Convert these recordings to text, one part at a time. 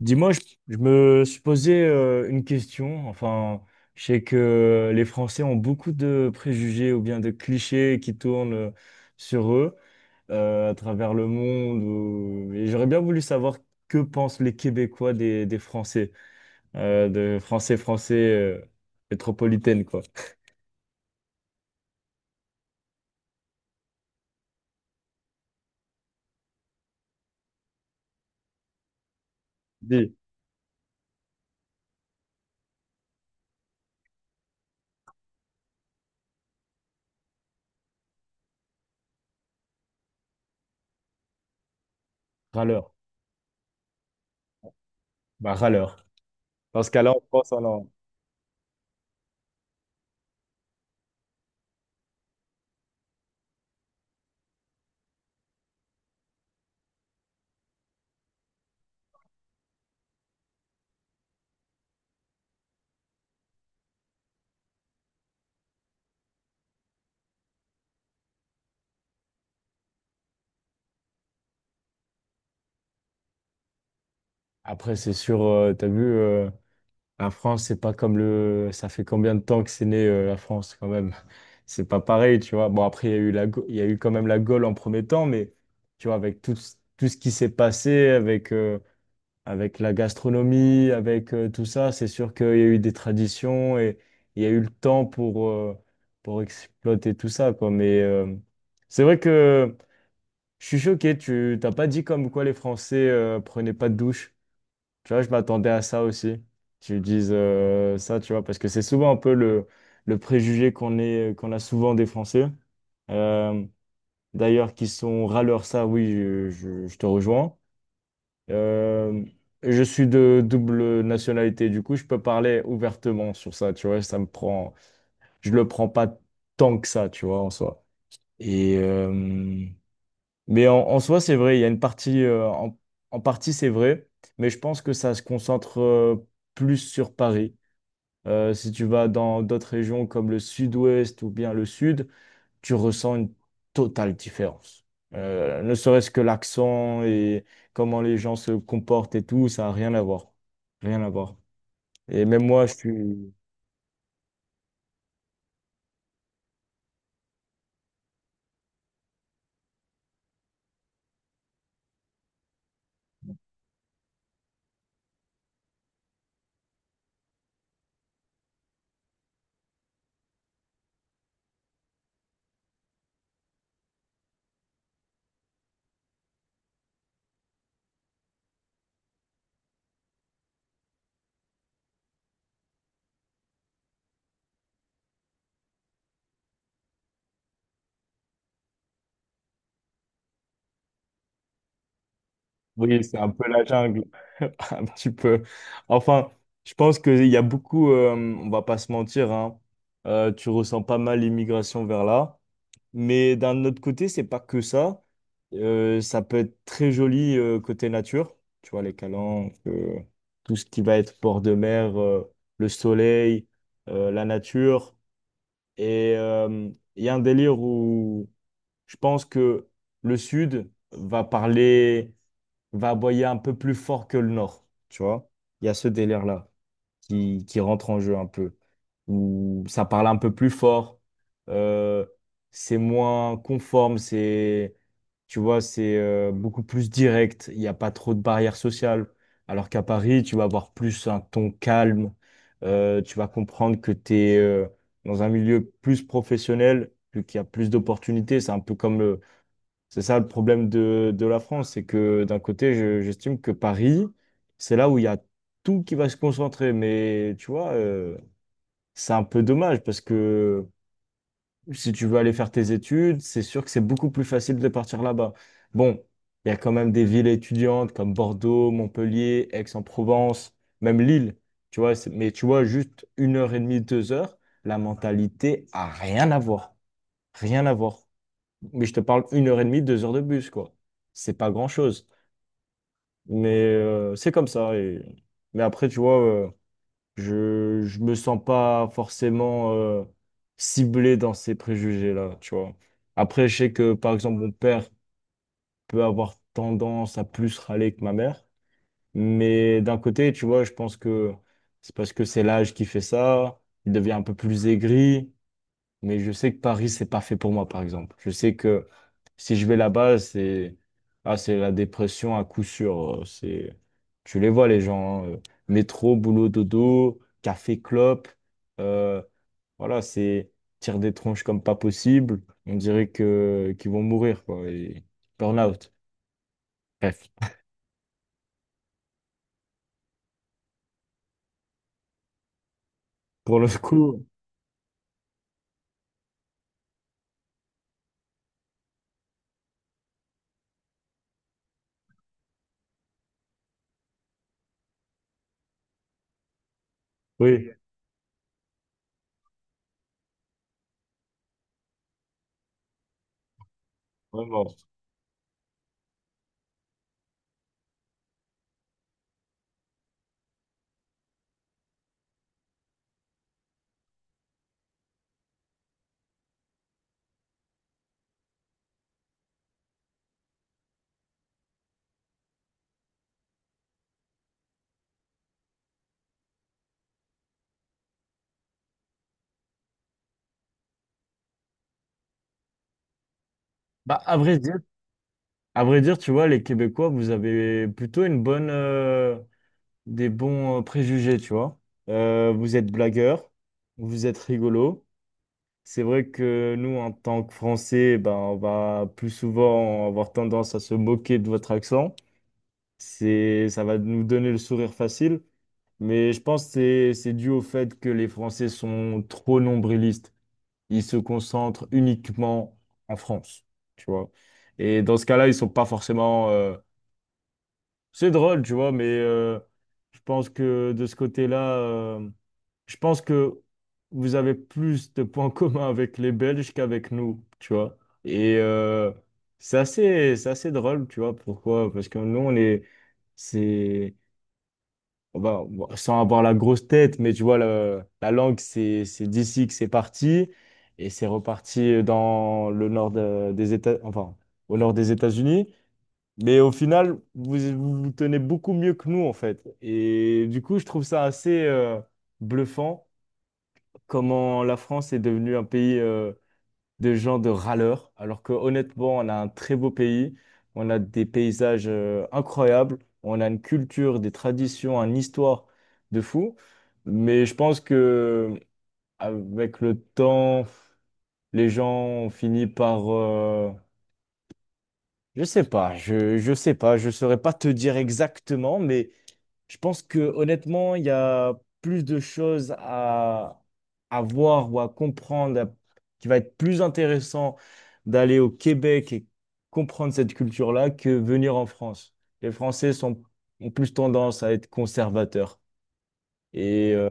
Dis-moi, je me suis posé une question. Je sais que les Français ont beaucoup de préjugés ou bien de clichés qui tournent sur eux à travers le monde. Et j'aurais bien voulu savoir que pensent les Québécois des Français, de Français français métropolitaine, quoi. Des râleurs. Bah, râleurs. Dans ce cas-là, on pense en... Après, c'est sûr, t'as vu. La France, c'est pas comme le. Ça fait combien de temps que c'est né la France quand même? C'est pas pareil, tu vois. Bon, après, il y a eu la... Il y a eu quand même la Gaule en premier temps, mais tu vois, avec tout, tout ce qui s'est passé, avec, avec la gastronomie, avec tout ça, c'est sûr qu'il y a eu des traditions et il y a eu le temps pour exploiter tout ça, quoi. Mais c'est vrai que je suis choqué, tu t'as pas dit comme quoi les Français prenaient pas de douche. Tu vois, je m'attendais à ça aussi. Tu dises ça, tu vois, parce que c'est souvent un peu le préjugé qu'on est, qu'on a souvent des Français. Euh, D'ailleurs, qui sont râleurs, ça, oui, je te rejoins. Euh, je suis de double nationalité, du coup, je peux parler ouvertement sur ça, tu vois, ça me prend, je le prends pas tant que ça, tu vois, en soi. Et, mais en soi, c'est vrai, il y a une partie, en partie, c'est vrai, mais je pense que ça se concentre plus sur Paris. Si tu vas dans d'autres régions comme le sud-ouest ou bien le sud, tu ressens une totale différence. Ne serait-ce que l'accent et comment les gens se comportent et tout, ça n'a rien à voir. Rien à voir. Et même moi, je suis... Oui, c'est un peu la jungle. Un petit peu. Enfin, je pense qu'il y a beaucoup, on va pas se mentir, hein, tu ressens pas mal l'immigration vers là. Mais d'un autre côté, c'est pas que ça. Ça peut être très joli côté nature. Tu vois, les calanques, tout ce qui va être bord de mer, le soleil, la nature. Et il y a un délire où je pense que le sud va parler va aboyer un peu plus fort que le Nord, tu vois. Il y a ce délire-là qui rentre en jeu un peu, où ça parle un peu plus fort, euh, c'est moins conforme, c'est, tu vois, c'est beaucoup plus direct, il n'y a pas trop de barrières sociales, alors qu'à Paris, tu vas avoir plus un ton calme, tu vas comprendre que tu es dans un milieu plus professionnel, vu qu'il y a plus d'opportunités, c'est un peu comme le c'est ça le problème de la France, c'est que d'un côté, j'estime que Paris, c'est là où il y a tout qui va se concentrer. Mais tu vois, c'est un peu dommage parce que si tu veux aller faire tes études, c'est sûr que c'est beaucoup plus facile de partir là-bas. Bon, il y a quand même des villes étudiantes comme Bordeaux, Montpellier, Aix-en-Provence, même Lille. Tu vois, mais tu vois, juste une heure et demie, deux heures, la mentalité a rien à voir. Rien à voir. Mais je te parle une heure et demie, deux heures de bus, quoi. C'est pas grand-chose. Mais c'est comme ça. Et... Mais après, tu vois, je me sens pas forcément ciblé dans ces préjugés-là, tu vois. Après, je sais que, par exemple, mon père peut avoir tendance à plus râler que ma mère. Mais d'un côté, tu vois, je pense que c'est parce que c'est l'âge qui fait ça. Il devient un peu plus aigri. Mais je sais que Paris, c'est pas fait pour moi, par exemple. Je sais que si je vais là-bas, c'est ah, c'est la dépression à coup sûr. C'est tu les vois les gens, hein, métro, boulot, dodo, café, clope. euh, voilà, c'est tire des tronches comme pas possible. On dirait que qu'ils vont mourir quoi. Et burn-out. Bref. Pour le coup, oui, vraiment. Bah à vrai dire, à vrai dire, tu vois, les Québécois, vous avez plutôt une bonne des bons préjugés, tu vois. Vous êtes blagueur, vous êtes rigolo. C'est vrai que nous, en tant que Français, ben, on va plus souvent avoir tendance à se moquer de votre accent. C'est, ça va nous donner le sourire facile, mais je pense que c'est dû au fait que les Français sont trop nombrilistes. Ils se concentrent uniquement en France, tu vois. Et dans ce cas-là, ils sont pas forcément c'est drôle, tu vois, mais je pense que de ce côté-là, je pense que vous avez plus de points communs avec les Belges qu'avec nous, tu vois. Et c'est assez drôle, tu vois, pourquoi? Parce que nous, on est, c'est, on va- bon, sans avoir la grosse tête, mais tu vois, la langue, c'est d'ici que c'est parti, et c'est reparti dans le des États, enfin, au nord des États-Unis. Mais au final, vous, vous vous tenez beaucoup mieux que nous, en fait. Et du coup, je trouve ça assez bluffant comment la France est devenue un pays de gens de râleurs, alors que honnêtement, on a un très beau pays, on a des paysages incroyables, on a une culture, des traditions, une histoire de fou. Mais je pense que avec le temps, les gens ont fini par... je sais pas, je saurais pas te dire exactement, mais je pense que honnêtement, il y a plus de choses à voir ou à comprendre, à- qui va être plus intéressant d'aller au Québec et comprendre cette culture-là que venir en France. Les Français sont, ont plus tendance à être conservateurs. Et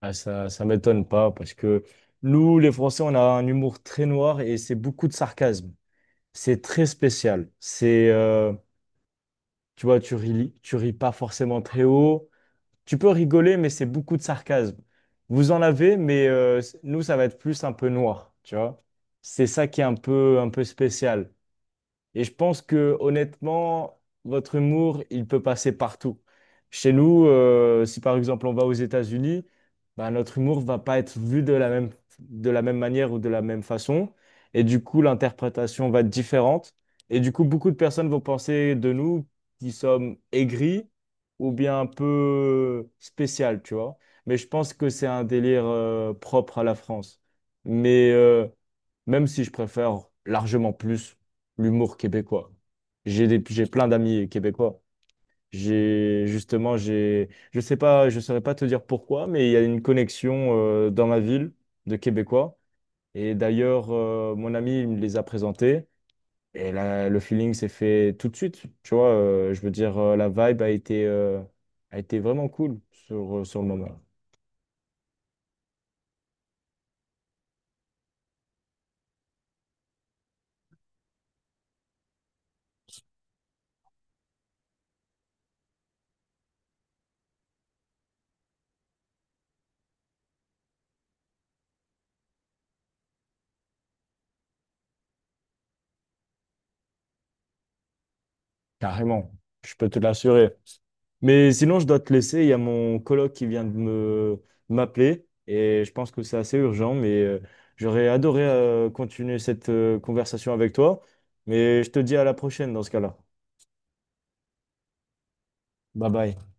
ah, ça m'étonne pas parce que nous, les Français, on a un humour très noir et c'est beaucoup de sarcasme. C'est très spécial. C'est, tu vois, tu ris pas forcément très haut. Tu peux rigoler, mais c'est beaucoup de sarcasme. Vous en avez, mais nous, ça va être plus un peu noir, tu vois. C'est ça qui est un peu spécial. Et je pense que honnêtement, votre humour, il peut passer partout. Chez nous, si par exemple on va aux États-Unis, bah, notre humour va pas être vu de la même manière ou de la même façon. Et du coup, l'interprétation va être différente. Et du coup, beaucoup de personnes vont penser de nous qui sommes aigris ou bien un peu spécial, tu vois. Mais je pense que c'est un délire propre à la France. Mais même si je préfère largement plus l'humour québécois. J'ai plein d'amis québécois. Je sais pas, je saurais pas te dire pourquoi, mais il y a une connexion dans ma ville de Québécois. Et d'ailleurs, mon ami il me les a présentés. Et là, le feeling s'est fait tout de suite. Tu vois, je veux dire, la vibe a été vraiment cool sur, sur le moment. Carrément, je peux te l'assurer. Mais sinon, je dois te laisser. Il y a mon coloc qui vient de me m'appeler et je pense que c'est assez urgent. Mais j'aurais adoré continuer cette conversation avec toi. Mais je te dis à la prochaine dans ce cas-là. Bye bye.